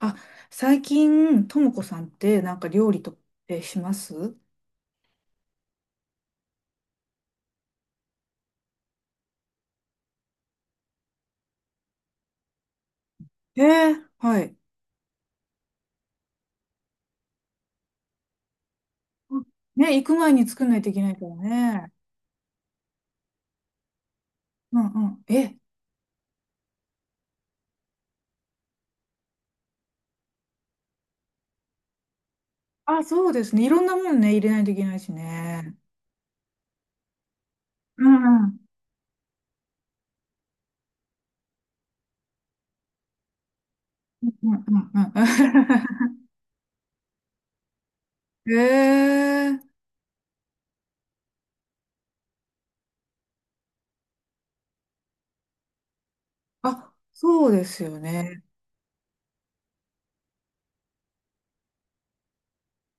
あ、最近、ともこさんってなんか料理とってします？はい。うんね、行く前に作んないといけないからね。うんうん。え、あ、そうですね。いろんなもんね、入れないといけないしね。うんうん。うんうんうん。あ、そうですよね。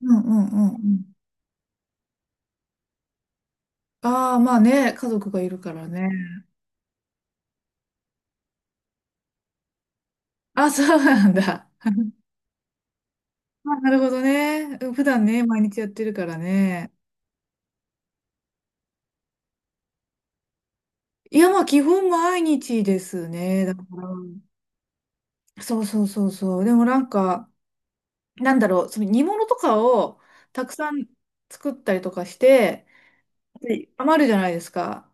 うんうんうんうん。ああ、まあね、家族がいるからね。あ、そうなんだ。あ、なるほどね。普段ね、毎日やってるからね。いや、まあ、基本毎日ですね。だから、そうそうそうそう。でもなんか、なんだろう、その煮物とかをたくさん作ったりとかして、で余るじゃないですか。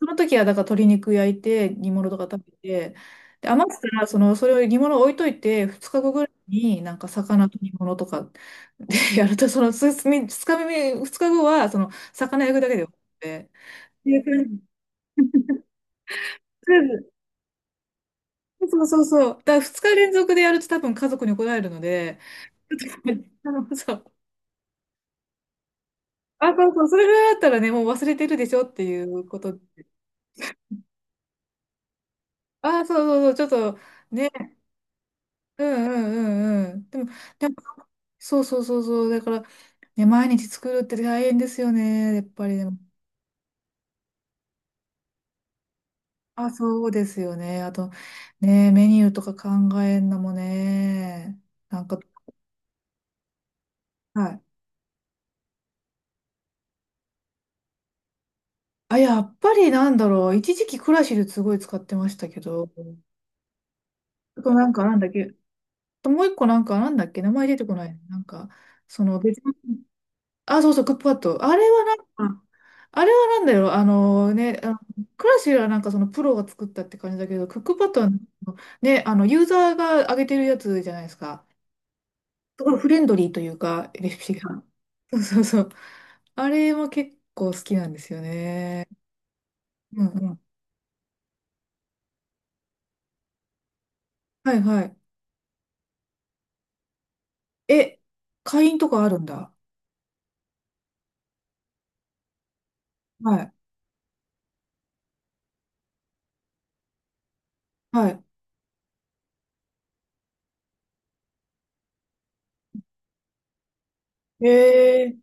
その時は、だから鶏肉焼いて、煮物とか食べて、で、余ったら、その、それを煮物置いといて、2日後ぐらいになんか魚と煮物とかで やると、その、2日目、二日後は、その、魚焼くだけで終わって、っていう感じ。そうそうそう。だから2日連続でやると多分家族に怒られるので、そう。あ、そうそう。それぐらいだったらね、もう忘れてるでしょっていうこと。あ、そうそうそう。ちょっとね、うんうんうんうん。でも、でもそうそうそうそう。だから、ね、毎日作るって大変ですよね。やっぱりでも。あ、そうですよね。あと、ね、メニューとか考えんのもね。なんか、はい。あ、やっぱりなんだろう。一時期クラシルすごい使ってましたけど、あとなんかなんだっけ、ともう一個なんか、なんだっけ、名前出てこない。なんか、その別の、あ、そうそう、クックパッド。あれはなんか、あれはなんだよ、あのね、あのクラシルはなんかそのプロが作ったって感じだけど、クックパッドはね、あの、ユーザーが上げてるやつじゃないですか。すごいフレンドリーというか、レシピが。そうそうそう。あれも結構好きなんですよね。うんうん。はいはい。え、会員とかあるんだ。はい。はい。えー、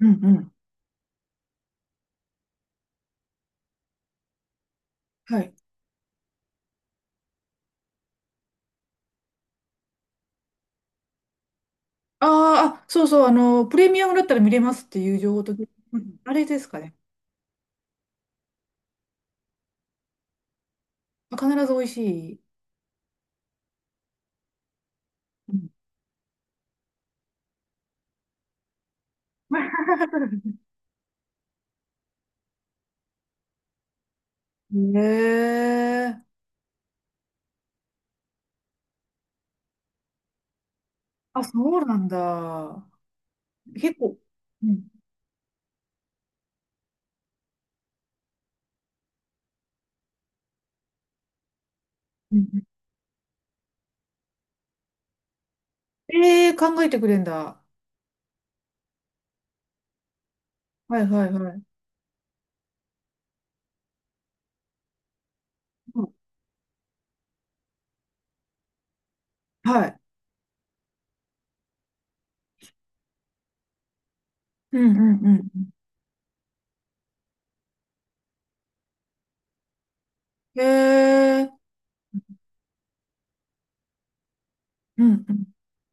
うんうん。はい。あーあ、そうそう、あの、プレミアムだったら見れますっていう情報と、うんあれですかね。必ず美味しい。うん へえ。あ、そうなんだ。結構。うんうんうんえー考えてくれんだ。はいはいはい。うんはい。うんうんうん。へえ。うんうん。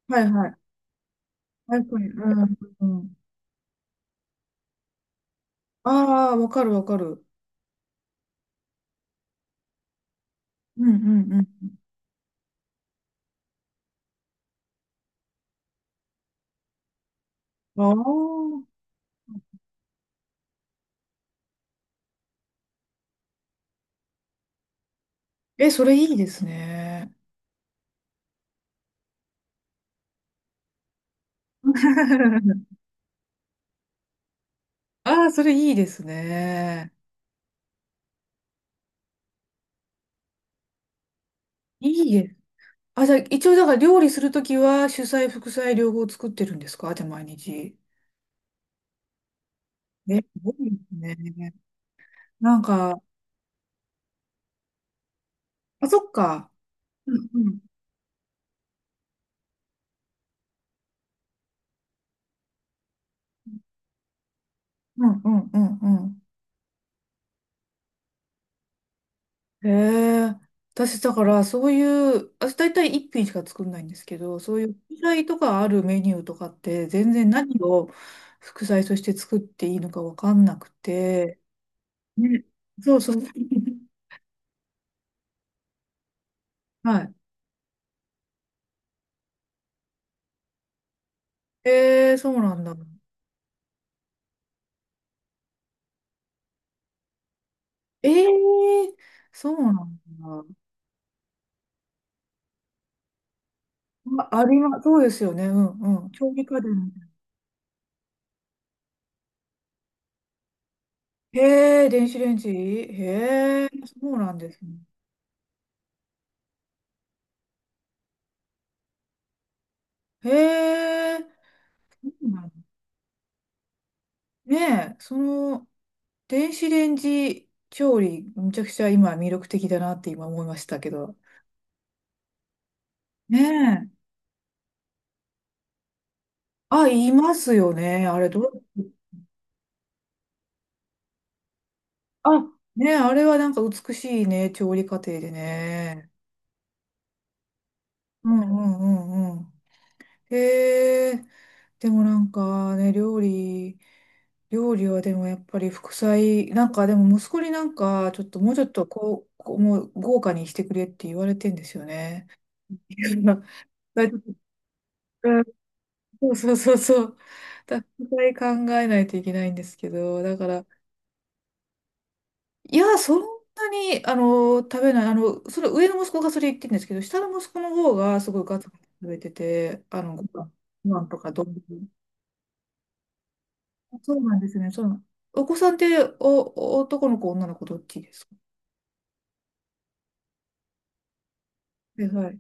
はいはい。はいはいうんうん。ああ、わかるわかる。うんうんうん。ああ。え、それいいですね。ああ、それいいですね。いいです。あ、じゃあ、一応、だから料理するときは、主菜、副菜、両方作ってるんですか？じゃあ、毎日。え、すごいですね。なんか、あ、そっか。うんうん。うんうんうんうん。へえ。私、だから、そういう、私、大体一品しか作んないんですけど、そういう副菜とかあるメニューとかって、全然何を副菜として作っていいのかわかんなくて。ね、そうそう。はい。ええ、そうなんだ。ええそうなんだ。あ、あります。そうですよね。うんうん。調理家電。へえ、電子レンジ。へえ、そうなんですね。へえ、そうなんだねえ、その、電子レンジ調理、めちゃくちゃ今魅力的だなって今思いましたけど。ねえ。あ、いますよね。あれ、どう、あ、ねえ、あれはなんか美しいね、調理過程でね。うんうんうんうん。へえ。でもなんかね、料理はでもやっぱり副菜、なんかでも息子になんかちょっともうちょっとこうもう豪華にしてくれって言われてんですよね。いやだからちょっとうんそうそうそうそう。だ副菜考えないといけないんですけど、だから、いや、そんなに、あの、食べない、あの、それ上の息子がそれ言ってるんですけど、下の息子の方がすごいガツガツ食べてて、あの、ご飯とか丼。そうなんですね。そうなん。お子さんって、男の子、女の子、どっちですか？はいはい。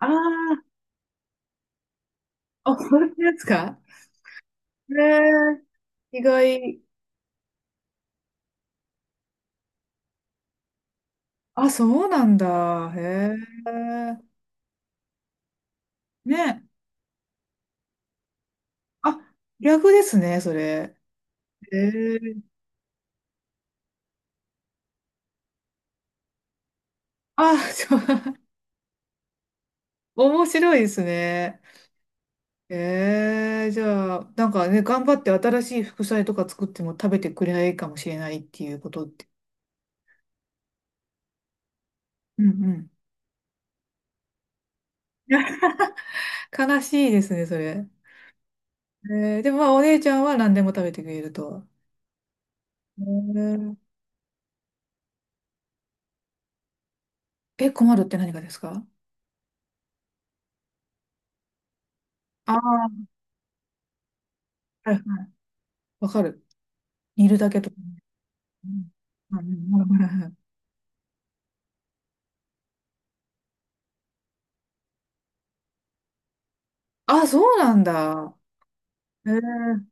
ああ、あ、本当ですか？へえ、意外。あ、そうなんだ。へえ。ね。あ、逆ですね、それ。へえ。あ、そう、面白いですね。へえ、じゃあ、なんかね、頑張って新しい副菜とか作っても食べてくれないかもしれないっていうことって。うんうん。悲しいですね、それ。でもまあお姉ちゃんは何でも食べてくれると。えー、え、困るって何がですか？ああー、はいはい。わかる。煮るだけとか。うんうんうんはいはいあ、そうなんだ。えー、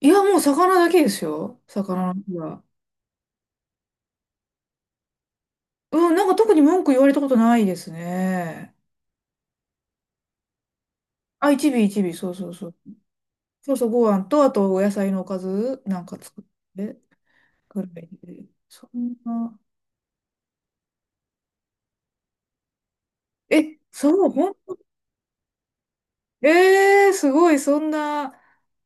いや、もう魚だけですよ。魚の日は。うん、なんか特に文句言われたことないですね。あ、一尾一尾、そうそうそう。そうそう、ご飯と、あとお野菜のおかずなんか作ってくらいで。そんな。え、そう、ええーすごい、そんな、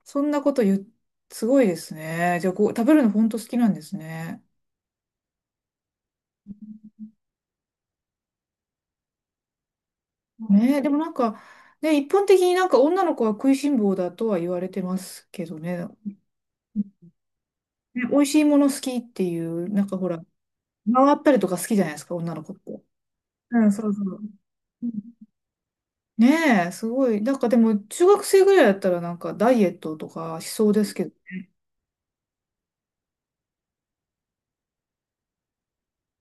そんなこと言う、すごいですね。じゃあ、こう、食べるの本当好きなんですね。ねえ、でもなんか、ね、一般的になんか女の子は食いしん坊だとは言われてますけどね。ね、美味しいもの好きっていう、なんかほら、回ったりとか好きじゃないですか、女の子って。うん、そうそう。うんねえ、すごい。なんかでも、中学生ぐらいだったらなんかダイエットとかしそうですけど。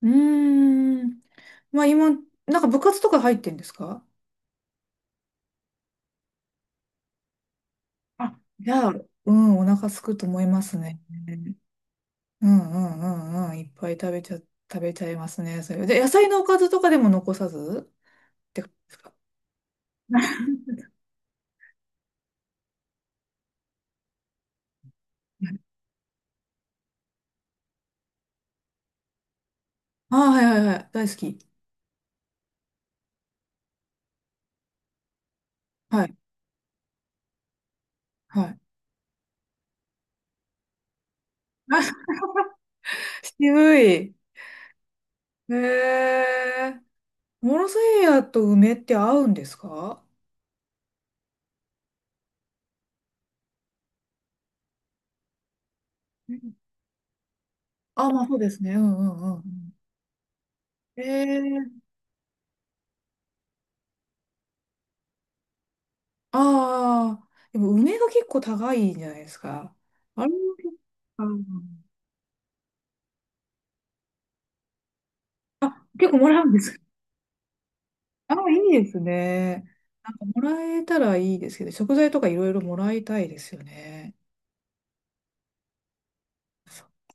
うーん。まあ今、なんか部活とか入ってんですか？あ、じゃあ、うん、お腹すくと思いますね。うんうんうんうん、いっぱい食べちゃいますね。それで、野菜のおかずとかでも残さずってことですか？あ あ、はいはいはい。大好き。はい。はい。あ、渋い。へえ。モロセイヤと梅って合うんですか？うんあ、まあそうですね。うんうんうん。へえ。ああ。でも梅が結構高いんじゃないですか？あれも結構、あ、結構もらうんです。あ、いいですね。なんかもらえたらいいですけど、食材とかいろいろもらいたいですよね。